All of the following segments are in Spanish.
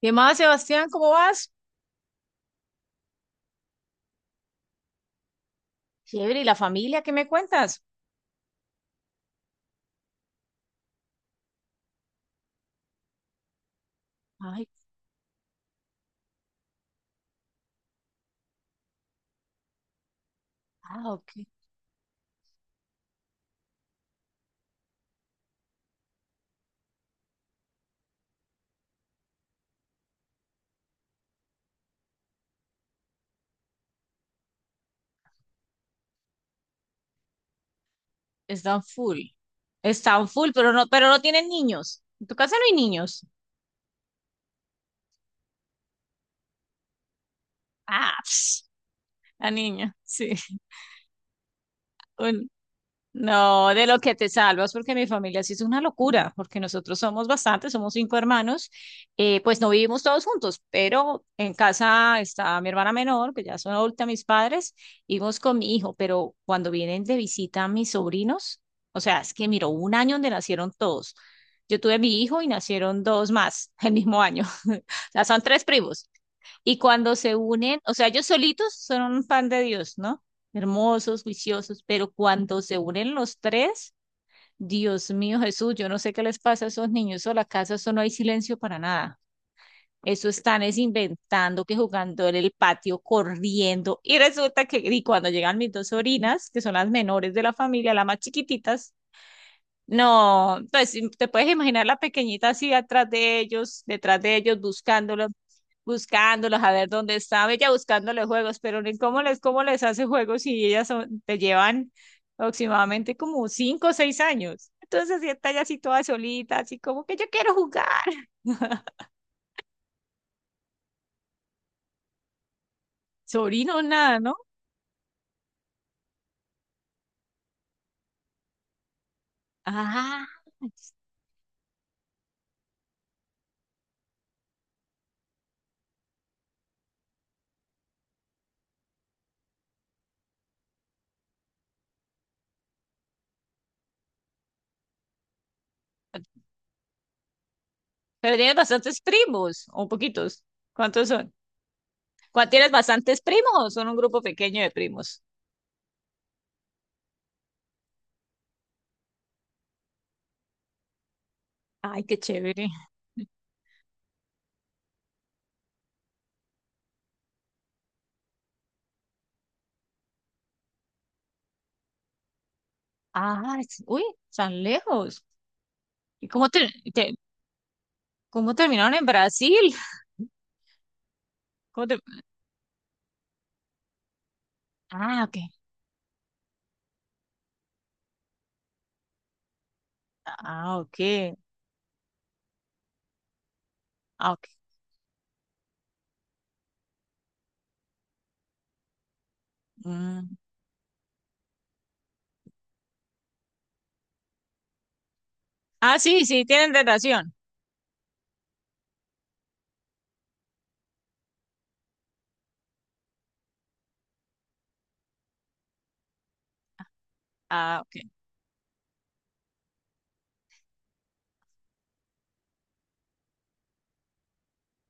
¿Qué más, Sebastián? ¿Cómo vas? Chévere, ¿y la familia? ¿Qué me cuentas? Ay, ah, ok. Están full. Están full, pero no tienen niños. En tu casa no hay niños. Ah, pss, la niña, sí. Bueno, no, de lo que te salvas, porque mi familia sí es una locura, porque nosotros somos bastantes, somos cinco hermanos, pues no vivimos todos juntos, pero en casa está mi hermana menor, que ya son adulta mis padres, vivimos con mi hijo, pero cuando vienen de visita mis sobrinos, o sea, es que miro, hubo un año donde nacieron todos. Yo tuve mi hijo y nacieron dos más el mismo año, o sea, son tres primos. Y cuando se unen, o sea, ellos solitos son un pan de Dios, ¿no? Hermosos, juiciosos, pero cuando se unen los tres, Dios mío Jesús, yo no sé qué les pasa a esos niños o la casa, eso no hay silencio para nada. Eso están es inventando que jugando en el patio, corriendo. Y resulta que, y cuando llegan mis dos sobrinas, que son las menores de la familia, las más chiquititas, no, pues te puedes imaginar la pequeñita así atrás de ellos, detrás de ellos, buscándolos a ver dónde estaba ella buscándole juegos, pero ni cómo les hace juegos si ellas te llevan aproximadamente como 5 o 6 años. Entonces ya está ya así toda solita, así como que yo quiero jugar. Sobrino, nada, ¿no? Ah, pero tienes bastantes primos, o poquitos. ¿Cuántos son? ¿Tienes bastantes primos o son un grupo pequeño de primos? Ay, qué chévere. Ah, uy, tan lejos. ¿Y cómo te, te- ¿Cómo terminaron en Brasil? ¿Cómo te- Ah, ok. Ah, ok. Ah, ok. Mm. Ah, sí, sí, tienen relación. Ah, ok.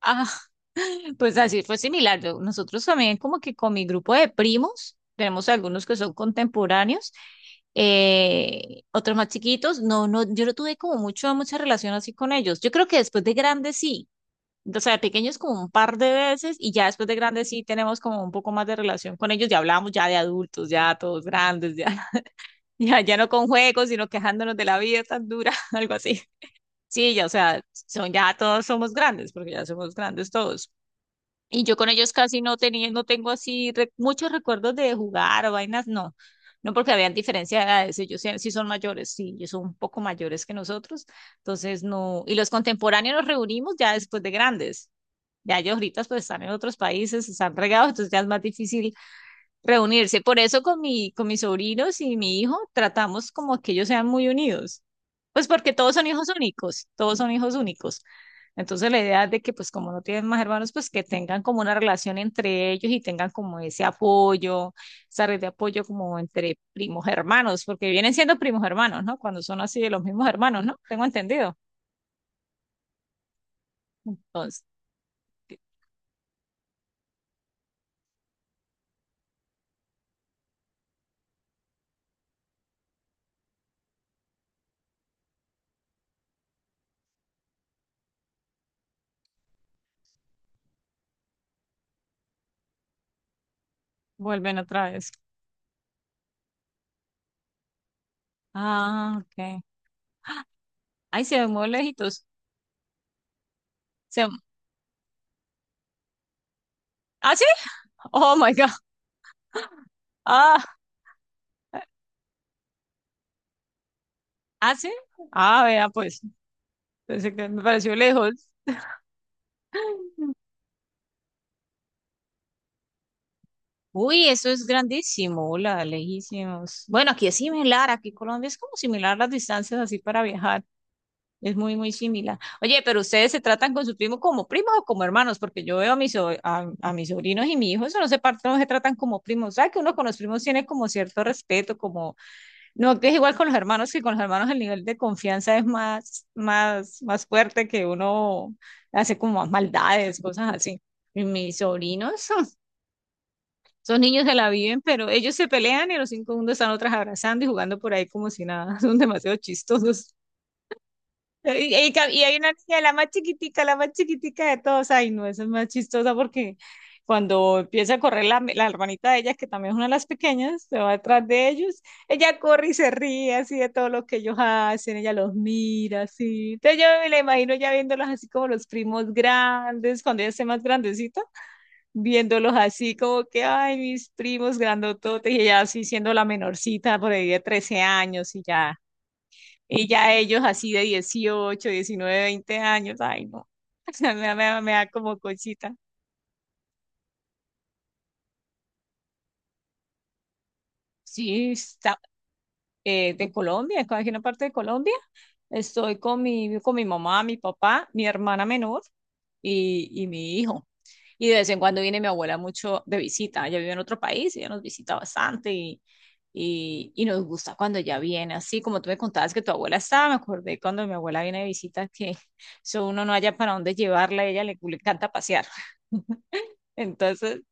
Ah, pues así fue similar. Nosotros también como que con mi grupo de primos, tenemos algunos que son contemporáneos, otros más chiquitos. No, no, yo no tuve como mucha relación así con ellos. Yo creo que después de grandes sí. O sea, de pequeños como un par de veces y ya después de grandes sí tenemos como un poco más de relación con ellos. Ya hablamos ya de adultos, ya todos grandes, ya. Ya, ya no con juegos, sino quejándonos de la vida tan dura, algo así. Sí, ya, o sea, son ya todos somos grandes, porque ya somos grandes todos. Y yo con ellos casi no tengo así muchos recuerdos de jugar o vainas, no. No porque habían diferencia de edades, ellos sí, sí son mayores, sí, ellos son un poco mayores que nosotros, entonces no. Y los contemporáneos nos reunimos ya después de grandes. Ya ellos ahorita pues están en otros países, están regados, entonces ya es más difícil reunirse. Por eso con mis sobrinos y mi hijo tratamos como que ellos sean muy unidos. Pues porque todos son hijos únicos, todos son hijos únicos. Entonces la idea es de que pues como no tienen más hermanos, pues que tengan como una relación entre ellos y tengan como ese apoyo, esa red de apoyo como entre primos hermanos, porque vienen siendo primos hermanos, ¿no? Cuando son así de los mismos hermanos, ¿no? Tengo entendido. Entonces, vuelven otra vez. Ah, ok. Ay, se ven muy lejitos. Se... ¿Ah, sí? Oh, my God. Ah. ¿Ah, sí? Ah, vea, pues. Pensé que me pareció lejos. Uy, eso es grandísimo, hola, lejísimos. Bueno, aquí es similar, aquí en Colombia es como similar las distancias así para viajar, es muy, muy similar. Oye, pero ustedes se tratan con su primo como primos o como hermanos, porque yo veo a mis sobrinos y mi hijo, eso no se tratan como primos, ¿sabes? Que uno con los primos tiene como cierto respeto, como no, que es igual con los hermanos, que con los hermanos el nivel de confianza es más, más, más fuerte, que uno hace como más maldades, cosas así. Y mis sobrinos, son niños, se la viven, pero ellos se pelean y a los 5 segundos están otras abrazando y jugando por ahí como si nada. Son demasiado chistosos. Y hay una niña, la más chiquitica de todos. Ay, no, esa es más chistosa porque cuando empieza a correr la hermanita de ella, que también es una de las pequeñas, se va detrás de ellos, ella corre y se ríe así de todo lo que ellos hacen, ella los mira así. Entonces yo me la imagino ya viéndolos así como los primos grandes, cuando ella esté más grandecita, viéndolos así como que, ay, mis primos grandototes, y ella así siendo la menorcita por ahí de 13 años y ya. Y ya ellos así de 18, 19, 20 años, ay, no, me da como cosita. Sí, de Colombia, estoy aquí en una parte de Colombia. Estoy con mi, mamá, mi papá, mi hermana menor y mi hijo. Y de vez en cuando viene mi abuela mucho de visita. Ella vive en otro país, ella nos visita bastante y nos gusta cuando ella viene. Así como tú me contabas que tu abuela estaba, me acordé cuando mi abuela viene de visita que eso uno no haya para dónde llevarla, a ella le encanta pasear. Entonces,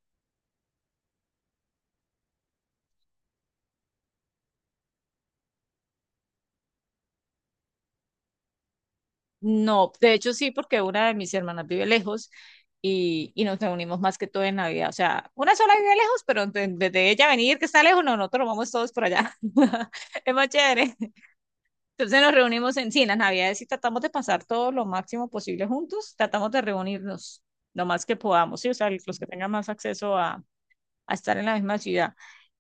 no, de hecho sí, porque una de mis hermanas vive lejos y nos reunimos más que todo en Navidad. O sea, una sola vive lejos, pero desde ella venir que está lejos, no, nosotros nos vamos todos por allá. Es más chévere. Entonces nos reunimos en, sí, en las Navidades y tratamos de pasar todo lo máximo posible juntos, tratamos de reunirnos lo más que podamos, ¿sí? O sea, los que tengan más acceso a, estar en la misma ciudad.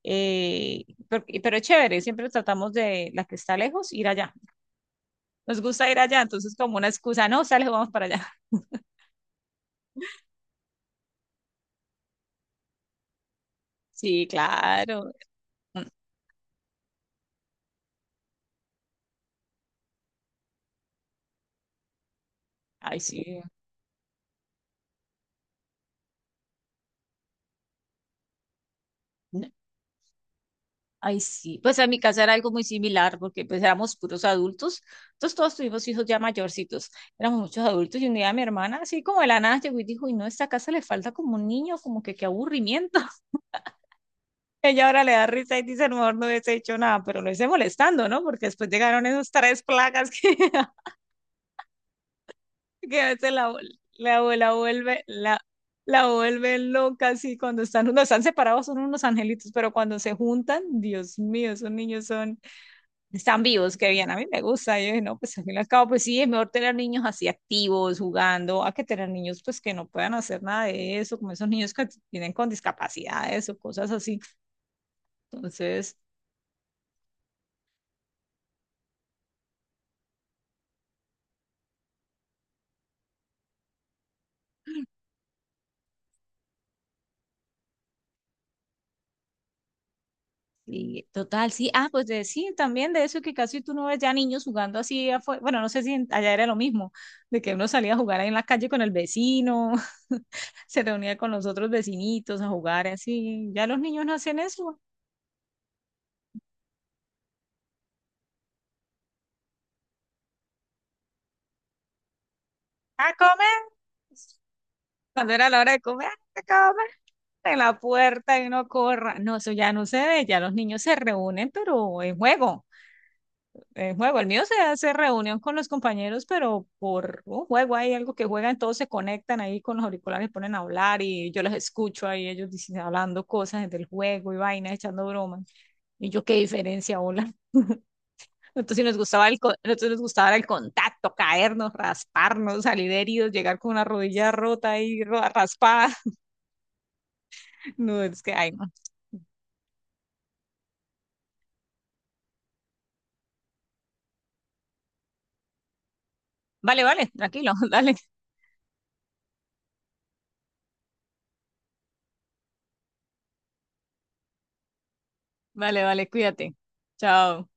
Pero es chévere, siempre tratamos de la que está lejos ir allá. Nos gusta ir allá, entonces como una excusa, no, sale, vamos para allá. Sí, claro. Mm. Ay, sí. No. Ay, sí. Pues en mi casa era algo muy similar porque pues éramos puros adultos, entonces todos tuvimos hijos ya mayorcitos, éramos muchos adultos y un día mi hermana así como de la nada llegó y dijo, y no, esta casa le falta como un niño, como que qué aburrimiento. Ella ahora le da risa y dice, a lo mejor no hubiese hecho nada, pero lo hice molestando, ¿no? Porque después llegaron esas tres plagas que a veces la abuela vuelve, la vuelve loca así cuando están, no están separados, son unos angelitos, pero cuando se juntan, Dios mío, esos niños son, están vivos, qué bien, a mí me gusta, yo dije, no, pues al fin y al cabo, pues sí, es mejor tener niños así activos, jugando, a que tener niños pues que no puedan hacer nada de eso, como esos niños que tienen con discapacidades o cosas así, entonces... Sí, total, sí. Ah, pues de, sí, también de eso que casi tú no ves ya niños jugando así afuera. Bueno, no sé si allá era lo mismo, de que uno salía a jugar ahí en la calle con el vecino, se reunía con los otros vecinitos a jugar así. Ya los niños no hacen eso. ¡A comer! Cuando era la hora de comer, ¡a comer! En la puerta y uno corra. No, eso ya no se ve, ya los niños se reúnen, pero en juego. Juego. El mío se hace reunión con los compañeros, pero por un juego hay algo que juegan, todos se conectan ahí con los auriculares, ponen a hablar y yo los escucho ahí, ellos dicen, hablando cosas del juego y vainas, echando bromas. Y yo, qué diferencia, hola. Entonces si nos gustaba nosotros nos gustaba el contacto, caernos, rasparnos, salir heridos, llegar con una rodilla rota ahí, raspada. No, es que, ay, no. Vale, vale, tranquilo, dale. Vale, vale, cuídate. Chao.